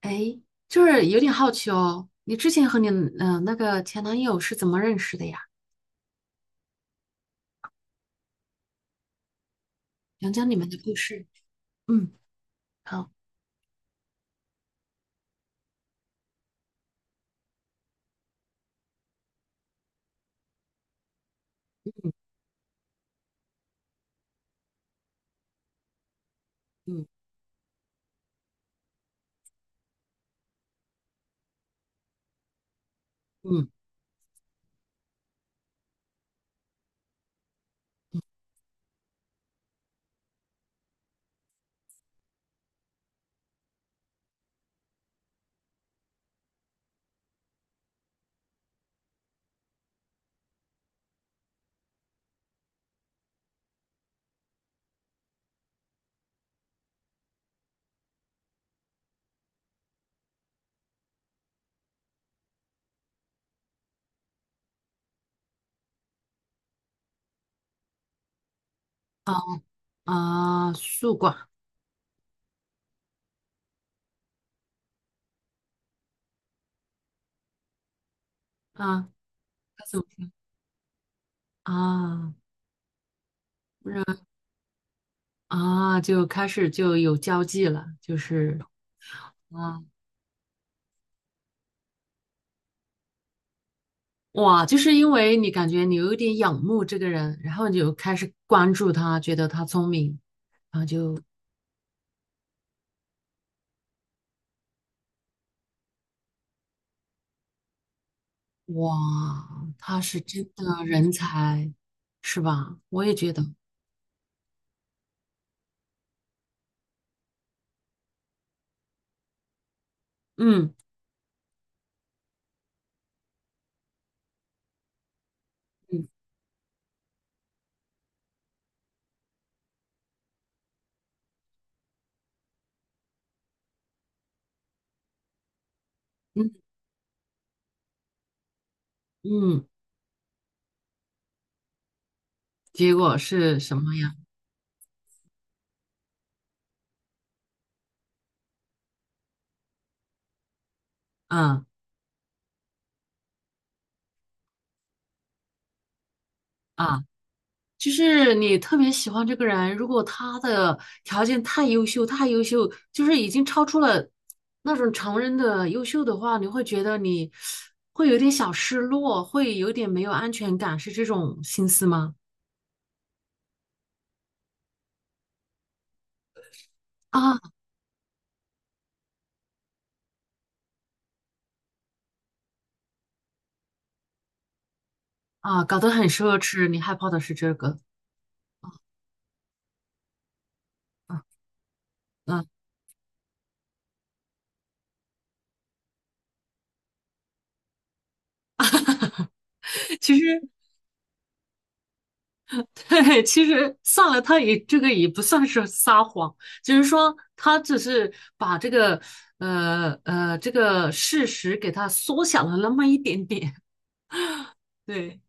哎，就是有点好奇哦，你之前和你那个前男友是怎么认识的呀？讲讲你们的故事。嗯，好，嗯嗯嗯，好啊，宿管啊，他怎么啊？然啊，就开始就有交际了，就是啊，哇，就是因为你感觉你有一点仰慕这个人，然后你就开始关注他，觉得他聪明，哇，他是真的人才，是吧？我也觉得，嗯嗯嗯。嗯，结果是什么呀？嗯啊，就是你特别喜欢这个人，如果他的条件太优秀，太优秀，就是已经超出了那种常人的优秀的话，你会觉得你会有点小失落，会有点没有安全感，是这种心思吗？啊啊，搞得很奢侈，你害怕的是这个。啊啊，其实。对，其实算了，他也这个也不算是撒谎，只是说他只是把这个这个事实给他缩小了那么一点点。对，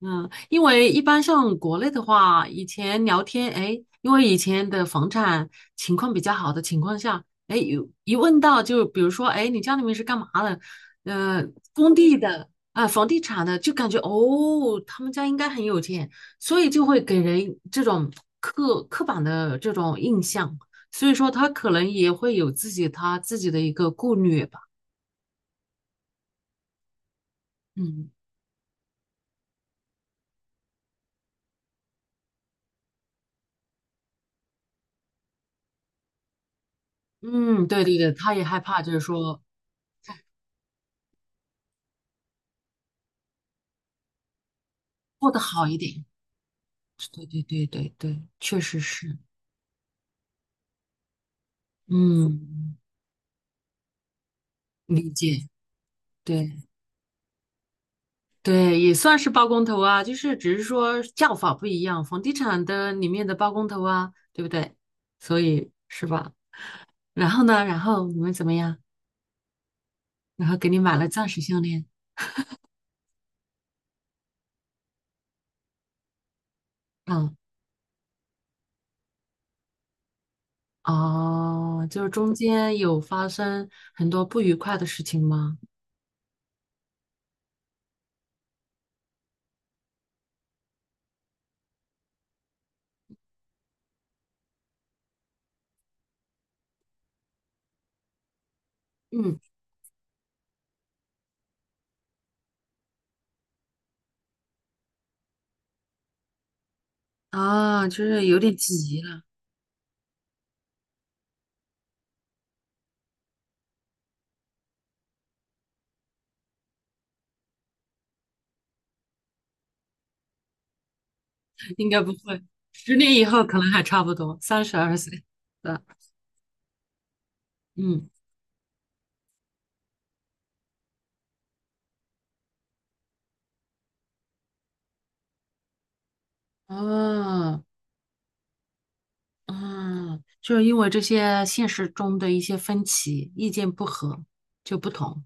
嗯，因为一般像国内的话，以前聊天，哎，因为以前的房产情况比较好的情况下，哎，有一问到就比如说，哎，你家里面是干嘛的？呃，工地的啊，房地产的，就感觉哦，他们家应该很有钱，所以就会给人这种刻板的这种印象，所以说他可能也会有自己他自己的一个顾虑吧。嗯嗯，对对对，他也害怕，就是说过得好一点。对对对对对，确实是，嗯，理解，对对，也算是包工头啊，就是只是说叫法不一样，房地产的里面的包工头啊，对不对？所以是吧？然后呢，然后你们怎么样？然后给你买了钻石项链，嗯，哦，就是中间有发生很多不愉快的事情吗？嗯，啊，就是有点急了，应该不会，10年以后可能还差不多，32岁，对吧，嗯。啊啊，就是因为这些现实中的一些分歧、意见不合就不同。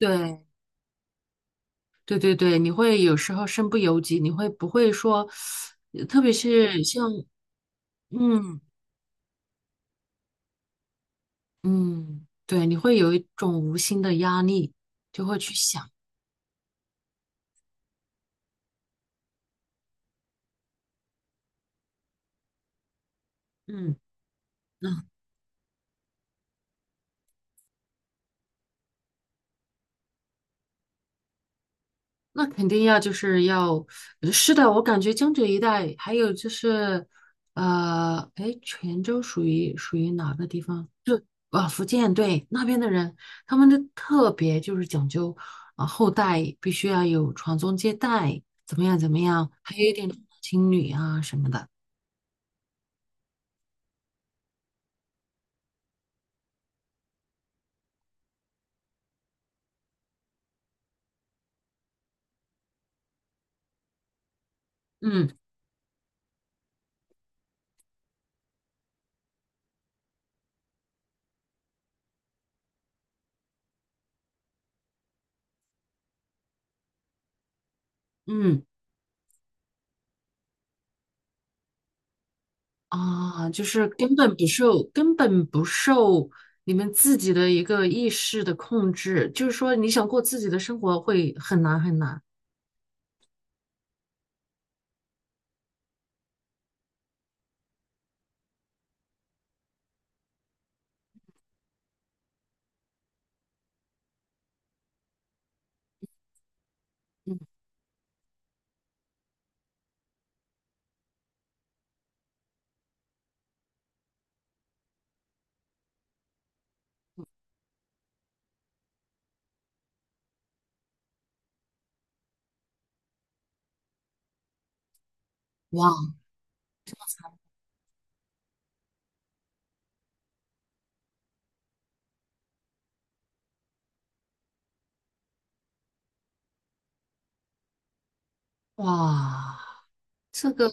对对对对，你会有时候身不由己，你会不会说，特别是像嗯嗯，对，你会有一种无形的压力，就会去想，嗯嗯。那肯定要就是要，是的，我感觉江浙一带，还有就是，哎，泉州属于哪个地方？啊，福建，对，那边的人，他们的特别就是讲究啊，后代必须要有传宗接代，怎么样怎么样，还有一点重男轻女啊什么的。嗯嗯。啊，就是根本不受你们自己的一个意识的控制，就是说你想过自己的生活会很难很难。嗯，哇哇，这个，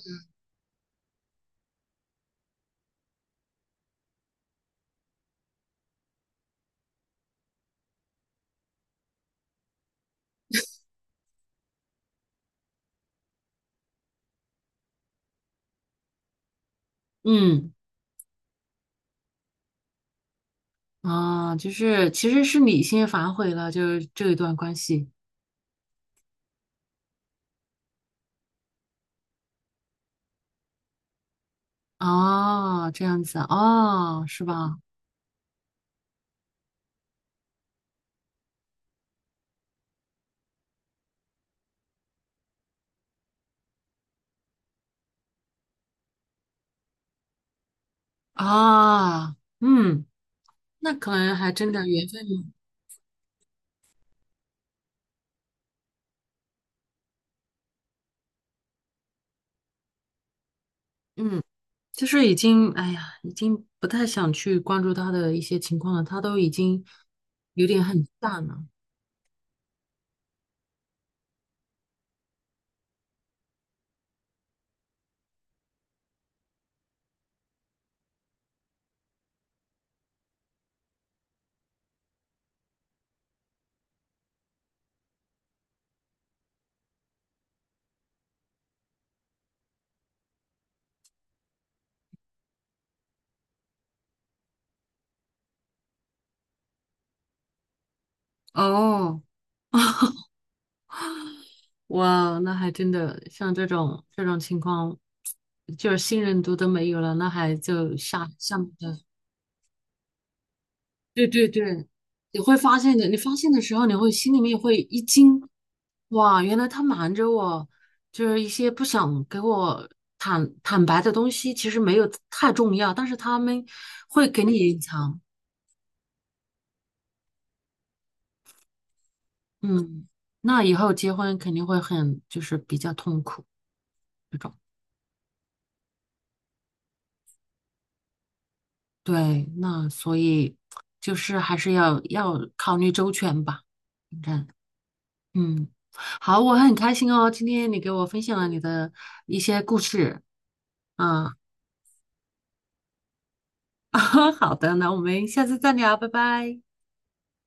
嗯啊，就是其实是你先反悔了，就是这一段关系啊，这样子啊，是吧？啊，嗯，那可能还真的缘分嗯。就是已经，哎呀，已经不太想去关注他的一些情况了，他都已经有点很淡了。哦 哇，那还真的像这种情况，就是信任度都没有了，那还就下面的，对对对，你会发现的。你发现的时候，你会心里面会一惊，哇，原来他瞒着我，就是一些不想给我坦白的东西，其实没有太重要，但是他们会给你隐藏。嗯，那以后结婚肯定会很，就是比较痛苦这种。对，那所以就是还是要考虑周全吧。你看，嗯，好，我很开心哦，今天你给我分享了你的一些故事。啊，好的，那我们下次再聊，拜拜。